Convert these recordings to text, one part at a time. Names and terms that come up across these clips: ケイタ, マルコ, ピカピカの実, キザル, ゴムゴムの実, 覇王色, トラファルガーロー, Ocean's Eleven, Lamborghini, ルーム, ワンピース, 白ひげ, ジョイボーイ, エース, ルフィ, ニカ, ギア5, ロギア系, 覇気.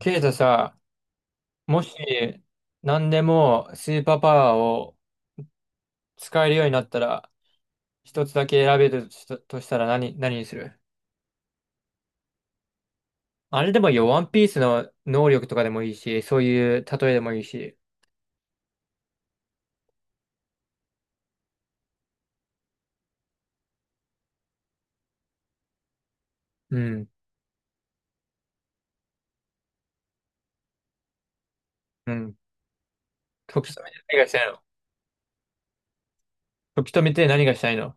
ケイタさ、もし何でもスーパーパワーを使えるようになったら、一つだけ選べるとしたら何にする？あれでもいいよ、ワンピースの能力とかでもいいし、そういう例えでもいいし。うん、うん。時止めて何がしたいの？時止めて何がしたいの？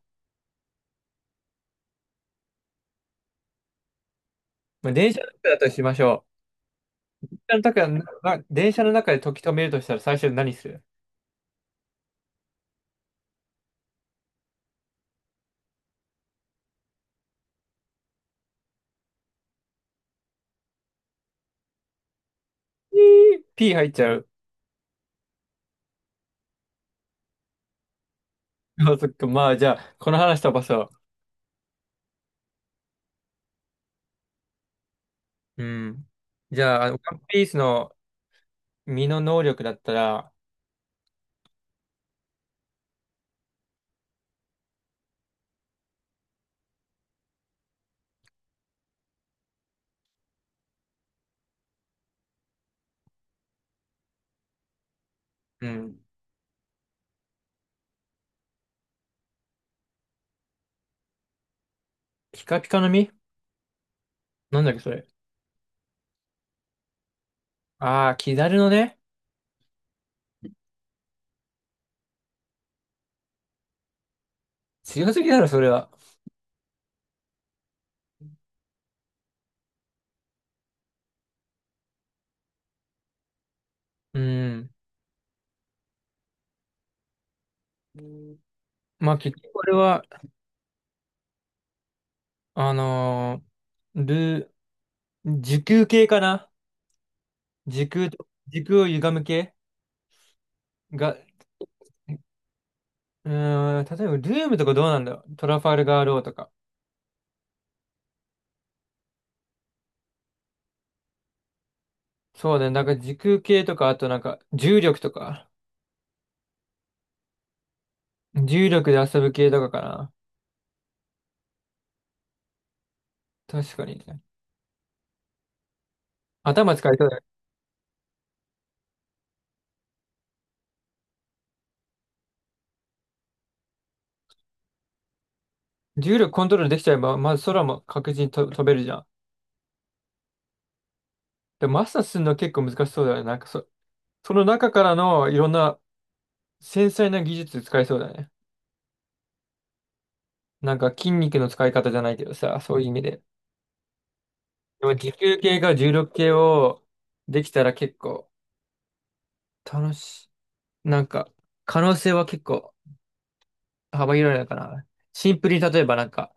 まあ、電車の中だとしましょう。電車の中で時止めるとしたら最初に何する？ピー、ピー入っちゃう。あ、そっか、まあじゃあ、この話飛ばそう。うん。じゃあ、あのワンピースの身の能力だったら。うん。ピカピカの実。なんだっけ、それ。ああ、キザルのね。強すぎだろ、それは。うん。まあ、結局これは、あのー、ル時空系かな。時空を歪む系が、例えば、ルームとかどうなんだよ。トラファルガーローとか。そうだね。なんか時空系とか、あとなんか、重力とか、重力で遊ぶ系とかかな。確かにね。頭使いそうだよね。重力コントロールできちゃえば、まず空も確実にと飛べるじゃん。でマスターするの結構難しそうだよね。その中からのいろんな繊細な技術使えそうだね。なんか筋肉の使い方じゃないけどさ、そういう意味で。でも持久系か重力系をできたら結構楽しい。なんか可能性は結構幅広いのかな。シンプルに例えばなんか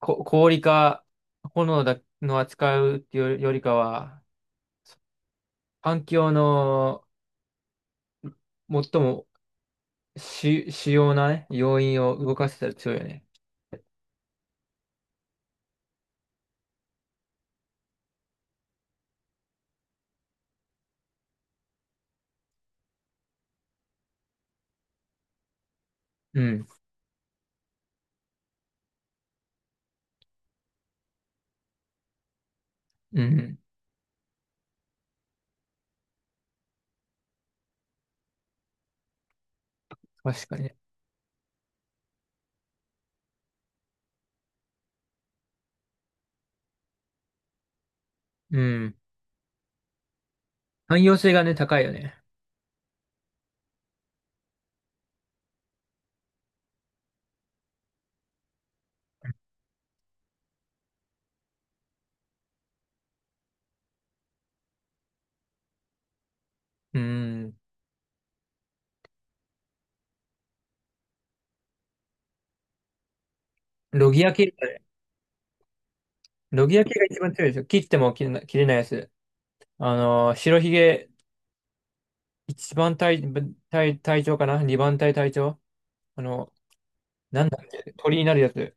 氷か炎だの扱うっていうよりかは、環境の最も主要なね、要因を動かせたら強いよね。うん。うん。確かにね。うん。汎用性がね、高いよね。うん。ロギア系だね。ロギア系が一番強いですよ。切っても切れないやつ。白ひげ、一番隊、隊長かな。二番隊隊長？あの、なんだっけ、鳥になるやつ。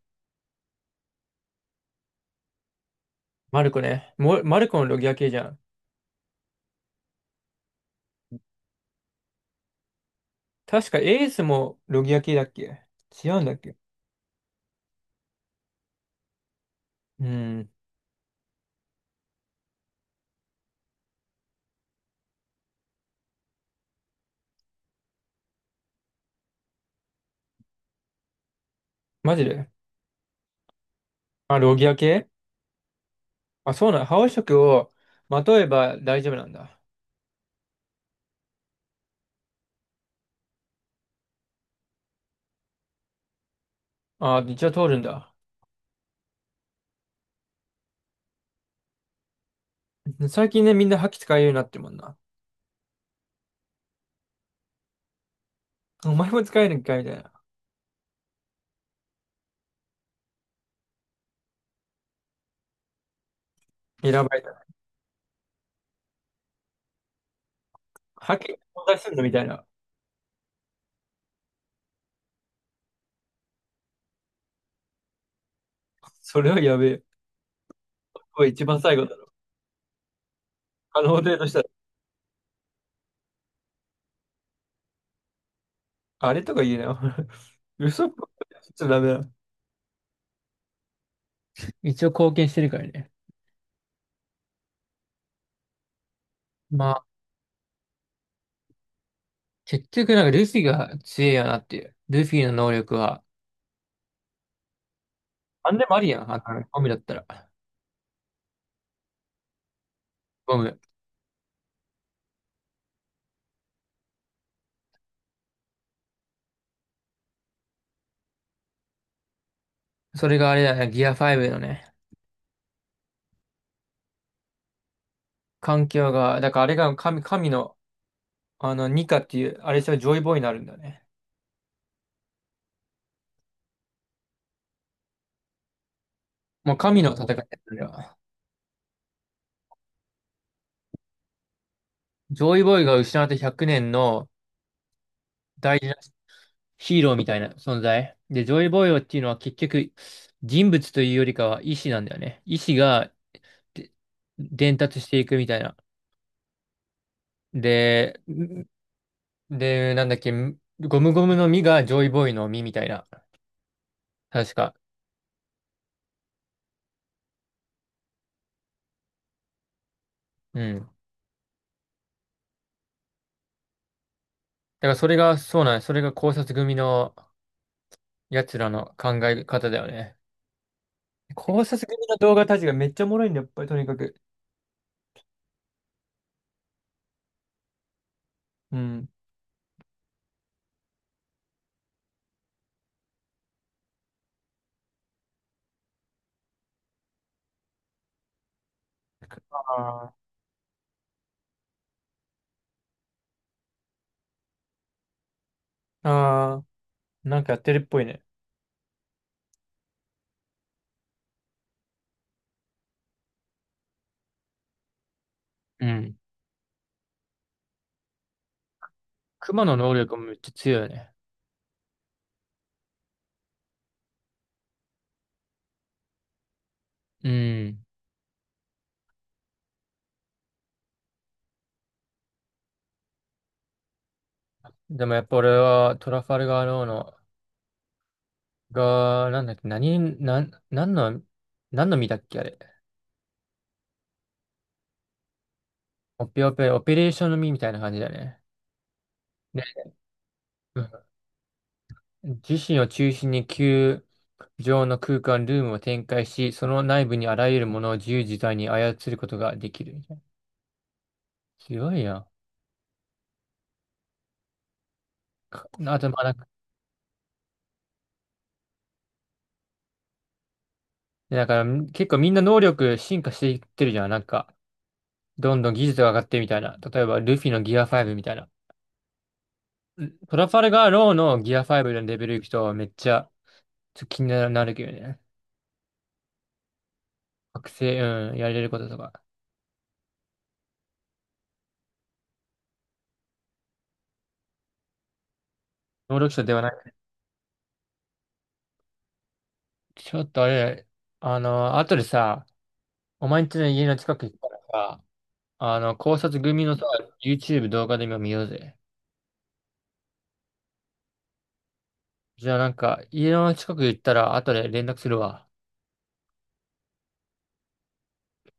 マルコね。マルコのロギア系じゃん。確かエースもロギア系だっけ？違うんだっけ？うん。マジで。あ、ロギア系。あ、そうなの。覇王色をまとえば大丈夫なんだ。あ、一応通るんだ。最近ね、みんな覇気使えるようになってるもんな。お前も使えるんかいみたいな。選ばれた。覇気存在するのみたいな。それはやべえ。これ一番最後だろ。可能性としたら。あれとか言えなよ。嘘っぽい。ちょっとダメだ。一応貢献してるからね。まあ、結局なんかルフィが強いよなっていう。ルフィの能力は、なんでもありやん。あの、ゴムだったら。ゴム。それがあれだよね。ギア5のね。環境が、だからあれが神の、ニカっていう、あれしたらジョイボーイになるんだよね。もう神の戦いだよ。あれは。ジョイボーイが失われて100年の大事なヒーローみたいな存在。で、ジョイボーイっていうのは結局、人物というよりかは意志なんだよね。意志が、で、伝達していくみたいな。で、で、なんだっけ、ゴムゴムの実がジョイボーイの実みたいな。確か。うん。だからそれが、そうなん、それが考察組の奴らの考え方だよね。考察組の動画たちがめっちゃおもろいんだよ、やっぱりとにかく。うん。あああー、なんかやってるっぽいね。うん。熊の能力もめっちゃ強いよね。うん。でもやっぱ俺はトラファルガーローの、が、なんだっけ、何、なん、何の、何の実だっけ、あれ。オペオペ、オペレーションの実みたいな感じだね。で、うん、自身を中心に球状の空間、ルームを展開し、その内部にあらゆるものを自由自在に操ることができるみたいな。強いやん。か、あと、まあ、なんか、だから結構みんな能力進化していってるじゃん。なんか、どんどん技術が上がってるみたいな。例えば、ルフィのギア5みたいな。トラファルガーローのギア5のレベル行くとめっちゃちょっと気になるけどね。学生、うん、やれることとか。能力者ではない。ちょっとあれ、あの、後でさ、お前んちの家の近く行ったらさ、あの、考察組のさ、YouTube 動画で今見ようぜ。じゃあなんか、家の近く行ったら後で連絡するわ。